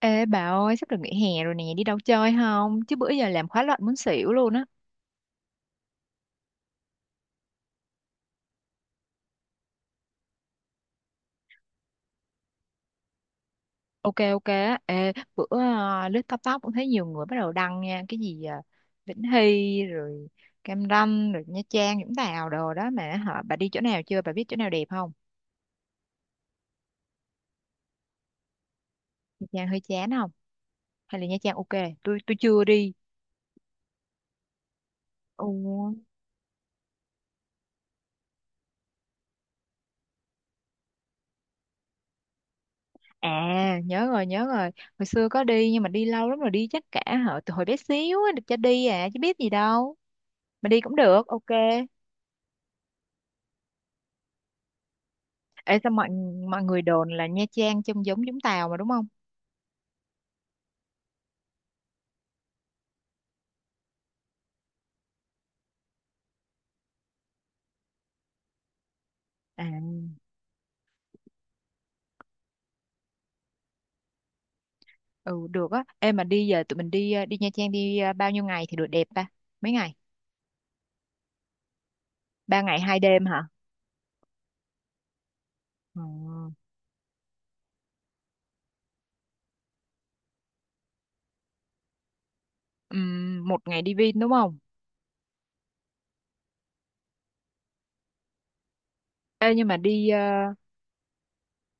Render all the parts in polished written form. Ê bà ơi, sắp được nghỉ hè rồi nè, đi đâu chơi không? Chứ bữa giờ làm khóa luận muốn xỉu luôn á. Ok ok á, ê, bữa à, lướt TikTok tóc cũng thấy nhiều người bắt đầu đăng nha, cái gì à, Vĩnh Hy rồi Cam Ranh rồi Nha Trang Vũng Tàu đồ đó mà hả? Bà đi chỗ nào chưa? Bà biết chỗ nào đẹp không? Nha Trang hơi chán không? Hay là Nha Trang ok? Tôi chưa đi. Ồ. À, nhớ rồi nhớ rồi. Hồi xưa có đi nhưng mà đi lâu lắm rồi, đi chắc cả hả, từ hồi bé xíu á, được cho đi à chứ biết gì đâu. Mà đi cũng được, ok. Ê, sao mọi mọi người đồn là Nha Trang trông giống Vũng Tàu mà đúng không? À, ừ được á. Ê mà đi giờ tụi mình đi đi Nha Trang đi bao nhiêu ngày thì được đẹp ta? Mấy ngày? 3 ngày 2 đêm hả? Ừ. Một ngày đi Vin đúng không? Ê nhưng mà đi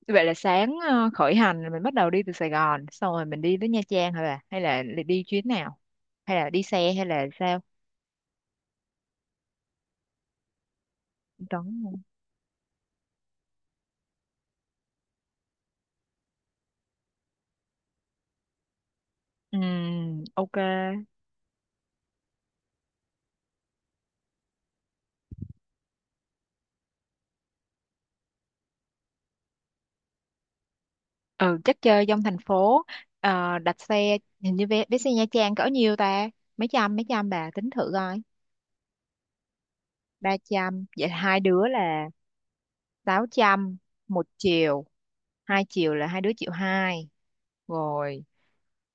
vậy là sáng khởi hành là mình bắt đầu đi từ Sài Gòn, xong rồi mình đi tới Nha Trang hả bà? Hay là đi chuyến nào? Hay là đi xe hay là sao? Đúng. Ok. Ừ, chắc chơi trong thành phố. Đặt xe hình như vé, vé xe Nha Trang cỡ nhiêu ta, mấy trăm bà tính thử coi. 300 vậy hai đứa là 600 một chiều, hai chiều là hai đứa triệu hai rồi,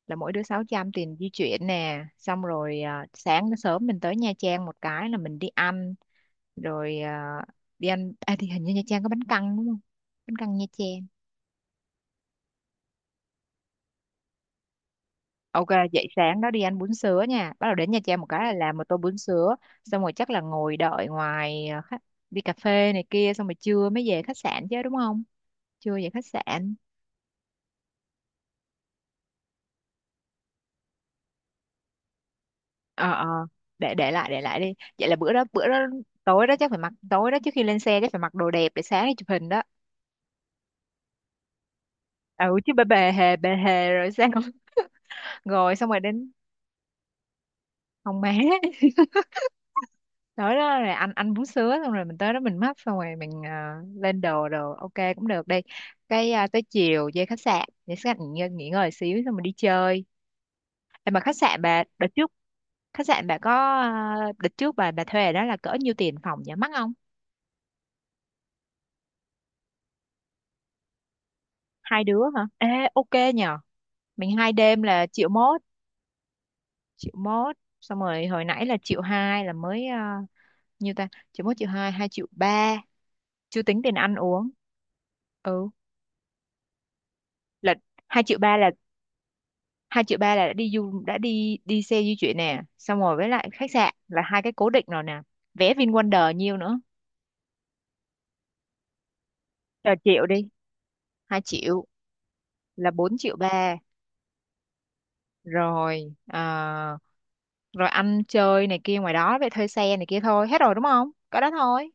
là mỗi đứa 600 tiền di chuyển nè. Xong rồi sáng sớm mình tới Nha Trang một cái là mình đi ăn rồi đi ăn thì hình như Nha Trang có bánh căn đúng không, bánh căn Nha Trang. Ok, dậy sáng đó đi ăn bún sứa nha. Bắt đầu đến Nha Trang một cái là làm một tô bún sứa. Xong rồi chắc là ngồi đợi ngoài khách, đi cà phê này kia. Xong rồi trưa mới về khách sạn chứ đúng không? Trưa về khách sạn. Ờ, ờ, để lại, để lại đi. Vậy là bữa đó tối đó chắc phải mặc, tối đó trước khi lên xe chắc phải mặc đồ đẹp để sáng đi chụp hình đó. Ừ, chứ bê bề hề rồi sao? Rồi xong rồi đến phòng má. Tới đó rồi anh bú sứa xong rồi mình tới đó mình mắp xong rồi mình lên đồ đồ ok cũng được đi. Cái tới chiều về khách sạn, về khách sạn nghỉ ngơi xíu xong mình đi chơi. Ê, mà khách sạn bà đợt trước, khách sạn bà có à, đợt trước bà thuê đó là cỡ nhiêu tiền phòng nhỉ, mắc không? Hai đứa hả ê, ok nhờ. Mình hai đêm là triệu mốt, triệu mốt xong rồi hồi nãy là triệu hai là mới nhiêu ta, triệu mốt triệu hai hai triệu ba, chưa tính tiền ăn uống. Ừ, là hai triệu ba là, hai triệu ba là đã đi du đã đi đi xe di chuyển nè xong rồi với lại khách sạn là hai cái cố định rồi nè. Vé VinWonder nhiêu nữa, chờ triệu đi, hai triệu là bốn triệu ba rồi. Ờ, rồi ăn chơi này kia ngoài đó vậy, thuê xe này kia, thôi hết rồi đúng không, có đó thôi,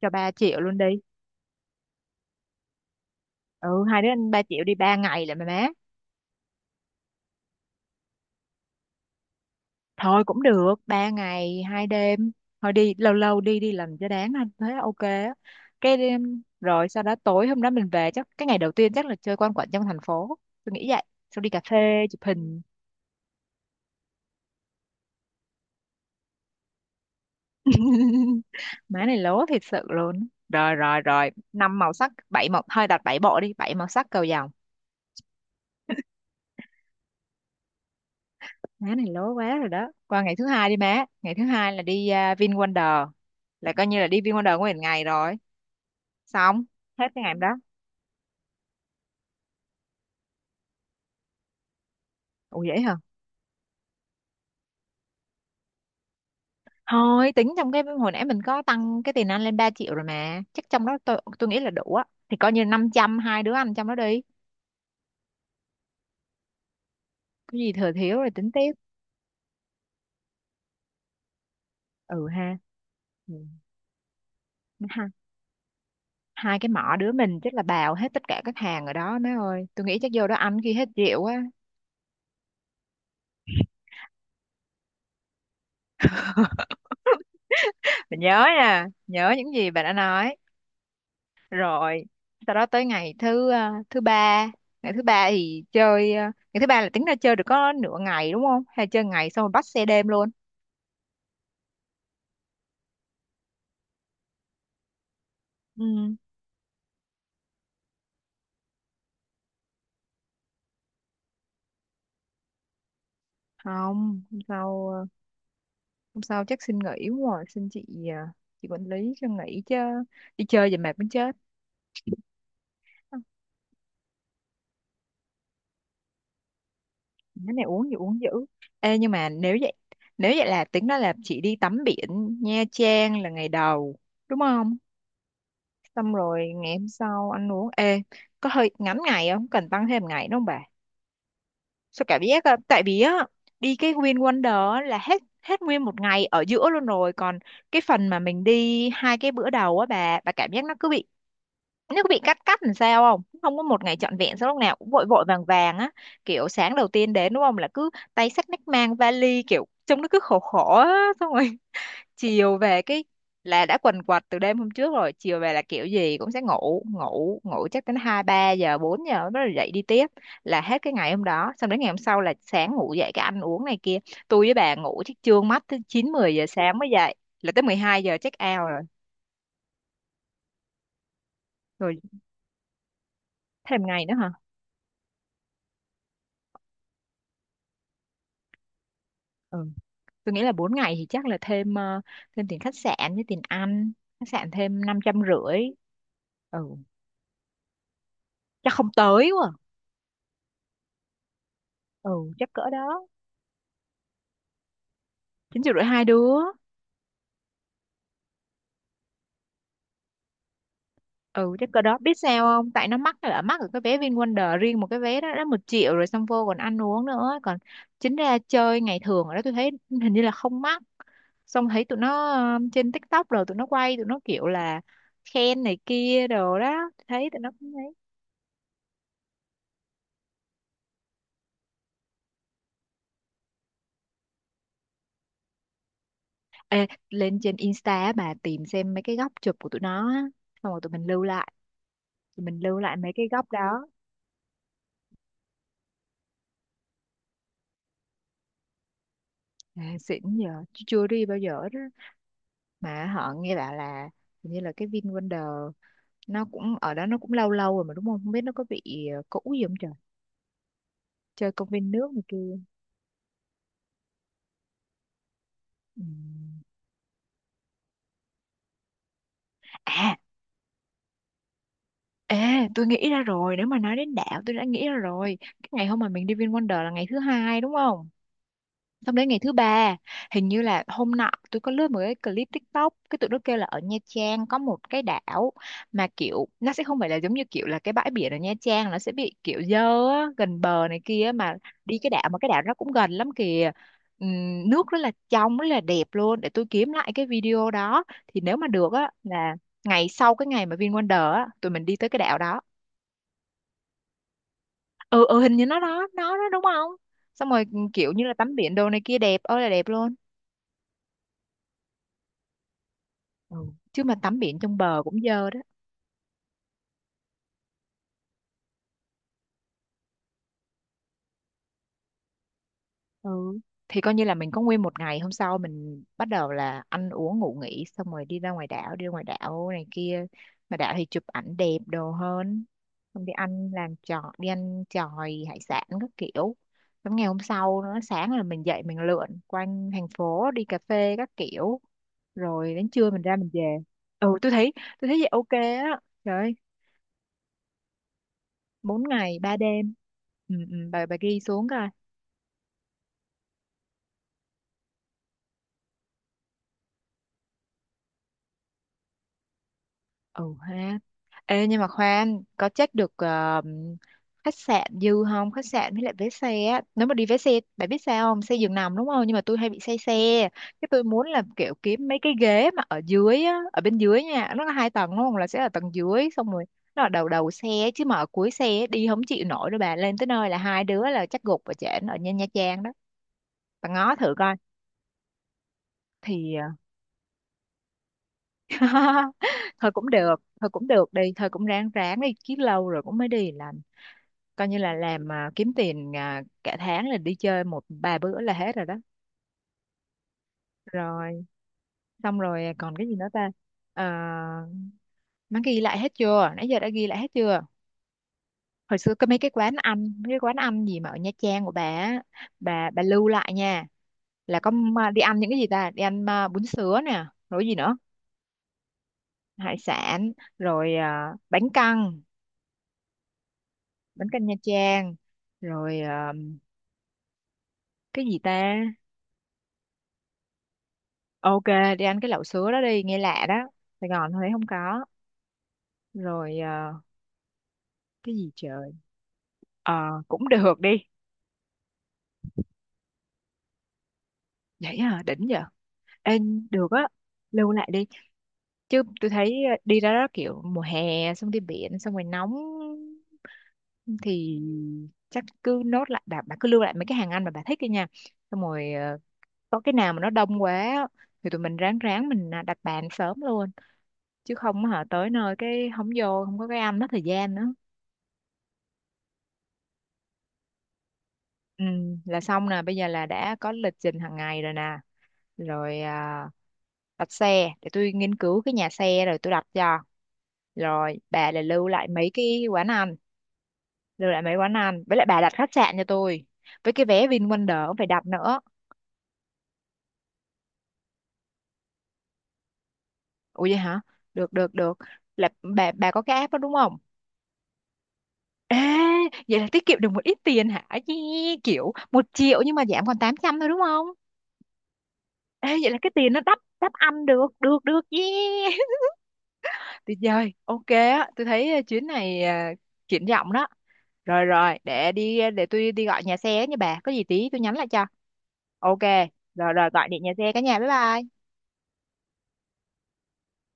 cho ba triệu luôn đi. Ừ, hai đứa ăn ba triệu đi, ba ngày là mà má. Thôi cũng được, 3 ngày, 2 đêm. Thôi đi, lâu lâu đi, đi làm cho đáng anh. Thế ok á. Cái đêm, rồi sau đó tối hôm đó mình về chắc, cái ngày đầu tiên chắc là chơi quanh quẩn trong thành phố. Tôi nghĩ vậy. Xong đi cà phê, chụp hình. Má này lố thiệt sự luôn. Rồi, rồi, rồi. Năm màu sắc, bảy màu, thôi đặt bảy bộ đi, bảy màu sắc cầu vồng. Má này lố quá rồi đó. Qua ngày thứ hai đi má. Ngày thứ hai là đi VinWonder. Là coi như là đi VinWonder nguyên ngày rồi. Xong, hết cái ngày hôm đó. Ủa vậy hả? Thôi tính trong cái hồi nãy mình có tăng cái tiền ăn lên 3 triệu rồi mà. Chắc trong đó tôi nghĩ là đủ á. Thì coi như 500 hai đứa ăn trong đó đi. Cái gì thừa thiếu rồi tính tiếp. Ừ ha. Ừ. Hai, hai cái mỏ đứa mình chắc là bào hết tất cả các hàng ở đó má ơi. Tôi nghĩ chắc vô đó ăn khi hết rượu á. Mình nhớ nè, nhớ những gì bạn đã nói. Rồi sau đó tới ngày thứ ba. Ngày thứ ba thì chơi ngày thứ ba là tính ra chơi được có nửa ngày đúng không? Hay chơi ngày xong rồi bắt xe đêm luôn? Ừ, không, hôm sau hôm sau chắc xin nghỉ quá rồi, xin chị chị quản lý cho nghỉ chứ, đi chơi về mệt muốn chết. Cái này uống gì uống dữ. Ê nhưng mà nếu vậy, nếu vậy là tính đó là chị đi tắm biển Nha Trang là ngày đầu đúng không? Xong rồi ngày hôm sau ăn uống. Ê, có hơi ngắn ngày không, cần tăng thêm ngày đúng không bà? Sao cả biết á, tại vì á đi cái Win Wonder á là hết hết nguyên một ngày ở giữa luôn rồi. Còn cái phần mà mình đi hai cái bữa đầu á, bà cảm giác nó cứ bị, nếu bị cắt cắt làm sao không, không có một ngày trọn vẹn, sao lúc nào cũng vội vội vàng vàng á. Kiểu sáng đầu tiên đến đúng không là cứ tay xách nách mang vali kiểu trông nó cứ khổ khổ á xong rồi chiều về cái là đã quần quật từ đêm hôm trước rồi, chiều về là kiểu gì cũng sẽ ngủ ngủ ngủ, chắc đến hai ba giờ bốn giờ nó dậy đi tiếp, là hết cái ngày hôm đó. Xong đến ngày hôm sau là sáng ngủ dậy cái ăn uống này kia. Tôi với bà ngủ chắc trương mắt tới chín mười giờ sáng mới dậy, là tới 12 giờ check out rồi. Rồi thêm ngày nữa hả. Ừ, tôi nghĩ là 4 ngày thì chắc là thêm thêm tiền khách sạn với tiền ăn. Khách sạn thêm 550. Ừ, chắc không tới quá. Ừ, chắc cỡ đó. Chín triệu rưỡi hai đứa. Ừ, chắc cỡ đó, biết sao không, tại nó mắc là mắc ở cái vé VinWonder, riêng một cái vé đó đã một triệu rồi, xong vô còn ăn uống nữa, còn chính ra chơi ngày thường ở đó tôi thấy hình như là không mắc. Xong thấy tụi nó trên TikTok rồi tụi nó quay tụi nó kiểu là khen này kia đồ đó thấy tụi nó. Ê, lên trên Insta á, bà tìm xem mấy cái góc chụp của tụi nó á. Xong rồi tụi mình lưu lại mấy cái góc đó. Ê, xịn giờ chứ chưa đi bao giờ đó, mà họ nghe bảo là hình như là cái VinWonder nó cũng ở đó nó cũng lâu lâu rồi mà đúng không, không biết nó có bị cũ gì không trời. Chơi công viên nước này kia. Ừ. À, ê, tôi nghĩ ra rồi, nếu mà nói đến đảo tôi đã nghĩ ra rồi. Cái ngày hôm mà mình đi VinWonder là ngày thứ hai đúng không? Xong đến ngày thứ ba, hình như là hôm nọ tôi có lướt một cái clip TikTok, cái tụi nó kêu là ở Nha Trang có một cái đảo mà kiểu nó sẽ không phải là giống như kiểu là cái bãi biển ở Nha Trang nó sẽ bị kiểu dơ á, gần bờ này kia. Mà đi cái đảo mà cái đảo nó cũng gần lắm kìa. Nước rất là trong rất là đẹp luôn, để tôi kiếm lại cái video đó. Thì nếu mà được á là ngày sau cái ngày mà VinWonder á tụi mình đi tới cái đảo đó. Ừ ừ, hình như nó đó đúng không? Xong rồi kiểu như là tắm biển đồ này kia đẹp ơi là đẹp luôn. Ừ. Chứ mà tắm biển trong bờ cũng dơ đó. Ừ, thì coi như là mình có nguyên một ngày, hôm sau mình bắt đầu là ăn uống ngủ nghỉ xong rồi đi ra ngoài đảo, đi ra ngoài đảo này kia. Mà đảo thì chụp ảnh đẹp đồ hơn. Xong đi ăn làm trò, đi ăn chòi hải sản các kiểu. Xong ngày hôm sau nó sáng là mình dậy mình lượn quanh thành phố đi cà phê các kiểu, rồi đến trưa mình ra mình về. Ừ, Tôi thấy vậy ok á, trời ơi, 4 ngày 3 đêm. Ừ, ừ, bà ghi xuống. Ừ ha. Ê, nhưng mà khoan, có check được ờ, khách sạn dư không, khách sạn với lại vé xe á, nếu mà đi vé xe, bạn biết sao không, xe giường nằm đúng không, nhưng mà tôi hay bị say xe. Cái tôi muốn là kiểu kiếm mấy cái ghế mà ở dưới á, ở bên dưới nha, nó có 2 tầng đúng không, là sẽ ở tầng dưới xong rồi nó ở đầu đầu xe. Chứ mà ở cuối xe đi không chịu nổi đâu bà, lên tới nơi là 2 đứa là chắc gục, và trển ở Nha Nha Trang đó. Bà ngó thử coi thì thôi cũng được, thôi cũng được đi, thôi cũng ráng ráng đi, chứ lâu rồi cũng mới đi. Là coi như là làm à, kiếm tiền à, cả tháng là đi chơi một ba bữa là hết rồi đó. Rồi, xong rồi còn cái gì nữa ta. Ờ, má ghi lại hết chưa, nãy giờ đã ghi lại hết chưa. Hồi xưa có mấy cái quán ăn, mấy cái quán ăn gì mà ở Nha Trang của bà á, bà lưu lại nha, là có đi ăn những cái gì ta, đi ăn à, bún sứa nè, rồi gì nữa, hải sản, rồi à, bánh căn, bánh căn Nha Trang, rồi à, cái gì ta, ok, đi ăn cái lẩu sứa đó đi, nghe lạ đó, Sài Gòn Huế không có. Rồi à, cái gì trời, à, cũng được đi. Vậy à, đỉnh vậy. Em được á, lưu lại đi. Chứ tôi thấy à, đi ra đó kiểu mùa hè, xong đi biển xong rồi nóng, thì chắc cứ nốt lại, bà cứ lưu lại mấy cái hàng ăn mà bà thích đi nha. Xong rồi à, có cái nào mà nó đông quá á, thì tụi mình ráng ráng mình à, đặt bàn sớm luôn, chứ không hả tới nơi cái không vô không có, cái ăn mất thời gian nữa. Ừ, là xong nè, bây giờ là đã có lịch trình hàng ngày rồi nè. Rồi à, đặt xe để tôi nghiên cứu cái nhà xe rồi tôi đặt cho, rồi bà là lưu lại mấy cái quán ăn, lưu lại mấy quán ăn, với lại bà đặt khách sạn cho tôi, với cái vé VinWonder cũng phải đặt nữa. Ủa vậy hả, được được được. Là bà có cái app đó đúng không. Ê, vậy là tiết kiệm được một ít tiền hả Chi, kiểu 1 triệu nhưng mà giảm còn 800 thôi đúng không. Ê, vậy là cái tiền nó đắp đắp ăn được, được được, yeah. Tuyệt vời, ok á, tôi thấy chuyến này à, triển vọng đó. Rồi rồi, để đi, để tôi đi gọi nhà xe ấy nha, bà có gì tí tôi nhắn lại cho. Ok, rồi rồi, gọi điện nhà xe, cả nhà bye bye.